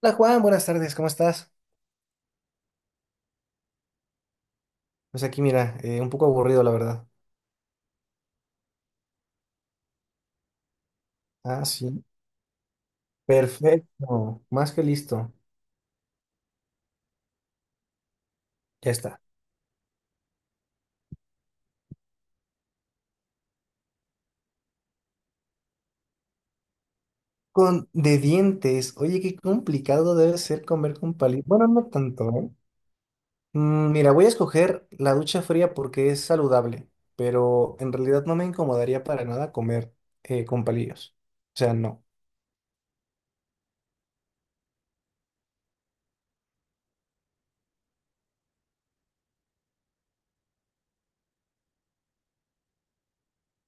Hola Juan, buenas tardes, ¿cómo estás? Pues aquí mira, un poco aburrido la verdad. Ah, sí. Perfecto, más que listo. Ya está. Con de dientes, oye, qué complicado debe ser comer con palillos. Bueno, no tanto, ¿eh? Mira, voy a escoger la ducha fría porque es saludable, pero en realidad no me incomodaría para nada comer con palillos. O sea, no.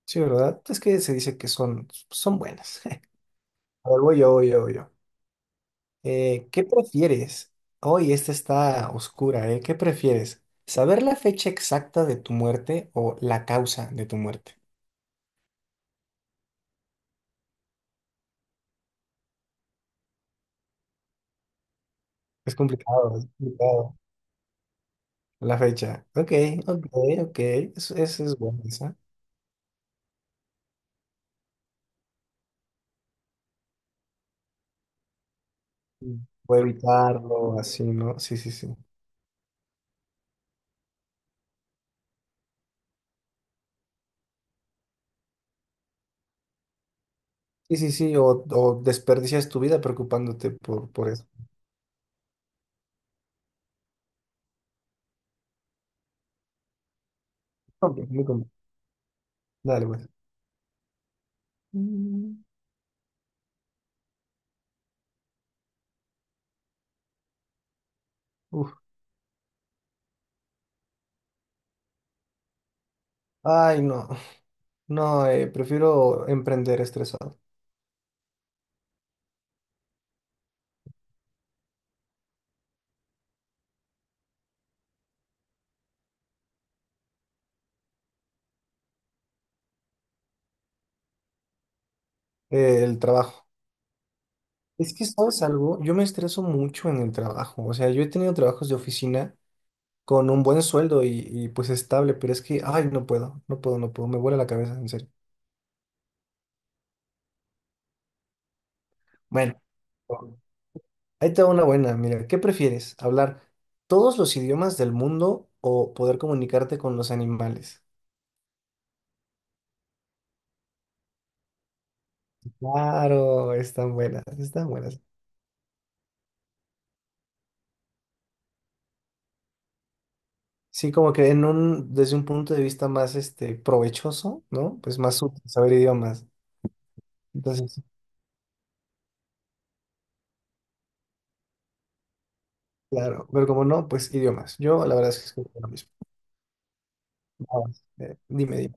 Sí, ¿verdad? Es que se dice que son buenas. A ver, voy yo, voy yo, voy yo. ¿qué prefieres? Hoy esta está oscura, ¿eh? ¿Qué prefieres? ¿Saber la fecha exacta de tu muerte o la causa de tu muerte? Es complicado, es complicado. La fecha. Ok, ok, ok. Eso es bueno, esa. Mm. Puedo evitarlo, así, ¿no? Sí, sí, sí. Sí, sí, sí. O desperdicias tu vida preocupándote por eso. Ok, muy complicado. Dale, pues. Mm. Uf. Ay, no. No, prefiero emprender estresado. El trabajo. Es que, ¿sabes algo? Yo me estreso mucho en el trabajo. O sea, yo he tenido trabajos de oficina con un buen sueldo y pues estable, pero es que, ay, no puedo. Me vuela la cabeza, en serio. Bueno, ahí te va una buena. Mira, ¿qué prefieres? ¿Hablar todos los idiomas del mundo o poder comunicarte con los animales? Claro, están buenas, están buenas. Sí, como que en un, desde un punto de vista más este, provechoso, ¿no? Pues más útil saber idiomas. Entonces, claro, pero como no, pues idiomas. Yo la verdad es que escogería lo mismo. Vamos, dime, dime.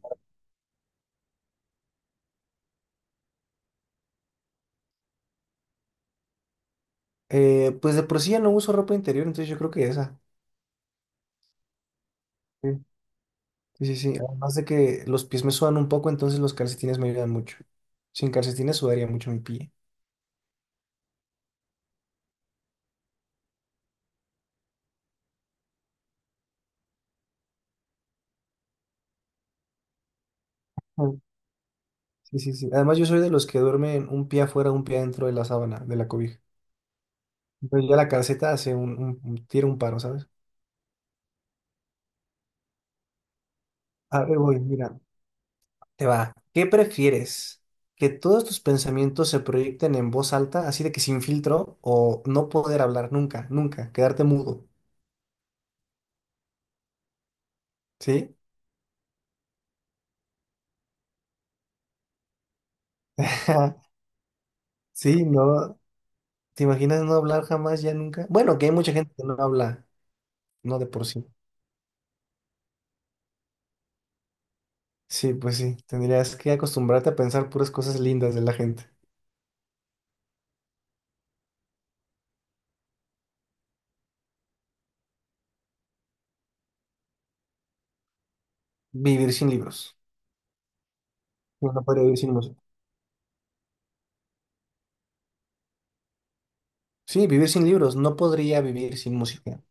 Pues de por sí ya no uso ropa interior, entonces yo creo que esa. Sí, sí, sí. Sí. Además de que los pies me sudan un poco, entonces los calcetines me ayudan mucho. Sin calcetines sudaría mucho mi pie. Ujú. Sí, sí, sí. Además yo soy de los que duermen un pie afuera, un pie dentro de la sábana, de la cobija. Entonces ya la calceta hace tira un paro, ¿sabes? A ver, voy, mira. Te va. ¿Qué prefieres? ¿Que todos tus pensamientos se proyecten en voz alta, así de que sin filtro, o no poder hablar nunca, nunca, quedarte mudo? ¿Sí? Sí, no. ¿Te imaginas no hablar jamás, ya nunca? Bueno, que hay mucha gente que no habla, no de por sí. Sí, pues sí, tendrías que acostumbrarte a pensar puras cosas lindas de la gente. Vivir sin libros. Yo no podría vivir sin música. Sí, vivir sin libros. No podría vivir sin música.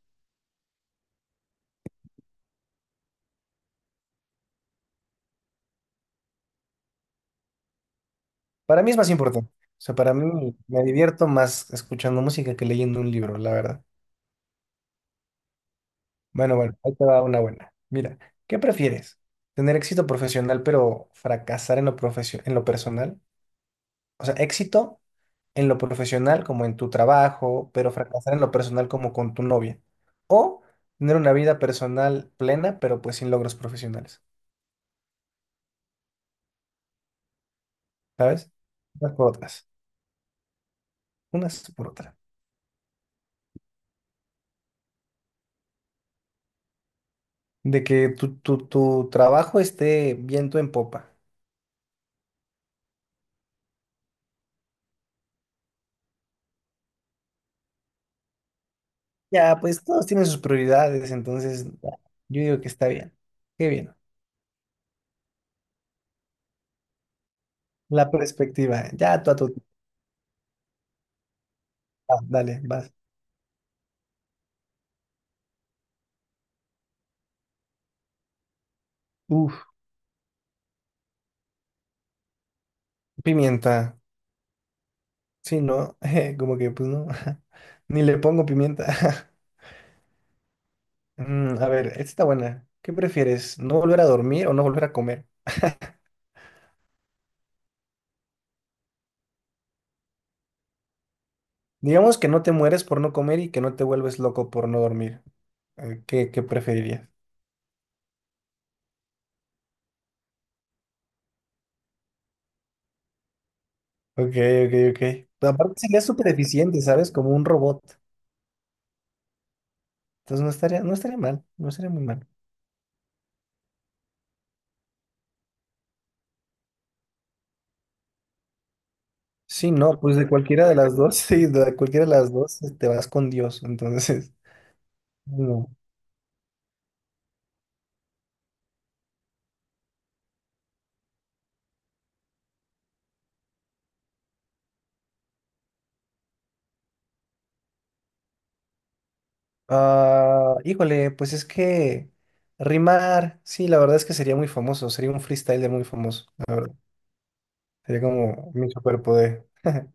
Para mí es más importante. O sea, para mí me divierto más escuchando música que leyendo un libro, la verdad. Bueno, bueno, ahí te va una buena. Mira, ¿qué prefieres? ¿Tener éxito profesional pero fracasar en lo en lo personal? O sea, éxito en lo profesional como en tu trabajo, pero fracasar en lo personal como con tu novia. O tener una vida personal plena, pero pues sin logros profesionales. ¿Sabes? Unas por otras. Unas por otras. De que tu trabajo esté viento en popa. Ya, pues todos tienen sus prioridades, entonces ya, yo digo que está bien. Qué bien. La perspectiva. Ya, tú a tu. Ah, dale, vas. Uf, pimienta. Sí, ¿no? Como que, pues no. Ni le pongo pimienta. A ver, esta está buena. ¿Qué prefieres? ¿No volver a dormir o no volver a comer? Digamos que no te mueres por no comer y que no te vuelves loco por no dormir. ¿Qué, qué preferirías? Ok, ok, ok. Pero aparte sería súper eficiente, ¿sabes? Como un robot. Entonces no estaría mal, no estaría muy mal. Sí, no, pues de cualquiera de las dos, sí, de cualquiera de las dos te vas con Dios, entonces, no. Ah, híjole, pues es que rimar, sí, la verdad es que sería muy famoso, sería un freestyler muy famoso, la verdad. Sería como mi superpoder.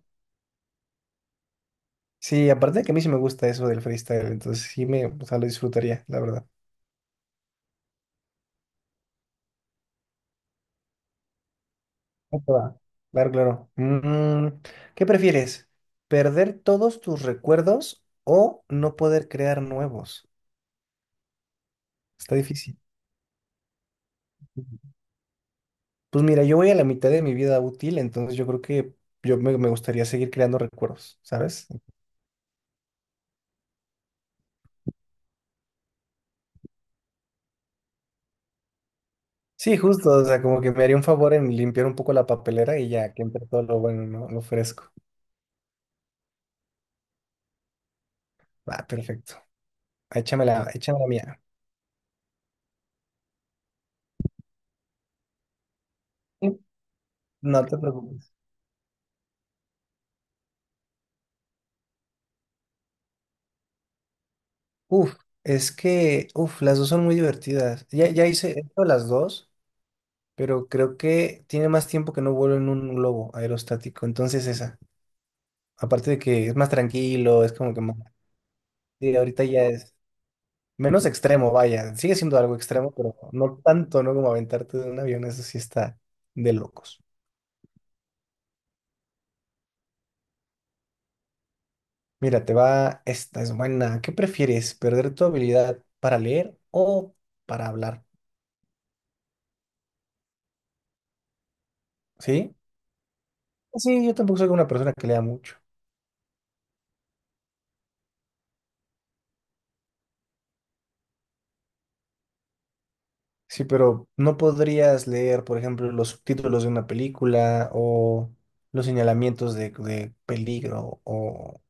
Sí, aparte de que a mí sí me gusta eso del freestyle, entonces o sea, lo disfrutaría, la verdad. Ahí te va. Claro, claro. Mm, ¿qué prefieres? ¿Perder todos tus recuerdos o no poder crear nuevos? Está difícil. Pues mira, yo voy a la mitad de mi vida útil, entonces yo creo que me gustaría seguir creando recuerdos, ¿sabes? Sí, justo, o sea, como que me haría un favor en limpiar un poco la papelera y ya que entre todo lo bueno, ¿no? Lo fresco. Ah, perfecto. Échamela, la mía. Sí. No te preocupes. Uf, es que, uf, las dos son muy divertidas. Ya, ya hice he hecho las dos, pero creo que tiene más tiempo que no vuelo en un globo aerostático, entonces esa. Aparte de que es más tranquilo, es como que más... Sí, ahorita ya es... Menos extremo, vaya. Sigue siendo algo extremo, pero no tanto, ¿no? Como aventarte de un avión, eso sí está de locos. Mira, te va, esta es buena. ¿Qué prefieres? ¿Perder tu habilidad para leer o para hablar? ¿Sí? Sí, yo tampoco soy una persona que lea mucho. Sí, pero no podrías leer, por ejemplo, los subtítulos de una película o los señalamientos de peligro o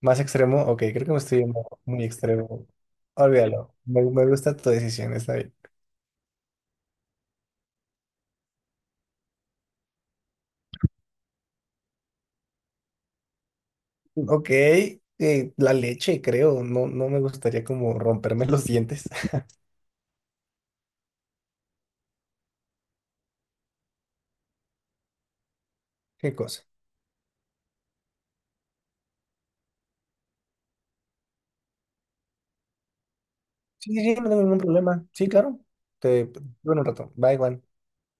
más extremo. Ok, creo que me estoy yendo muy extremo. Olvídalo. Me gusta tu decisión, está bien. Ok, la leche, creo. No, no me gustaría como romperme los dientes. ¿Qué cosa? Sí, sí, sí, no tengo ningún problema. Sí, claro. Te, bueno, un rato. Bye, Juan.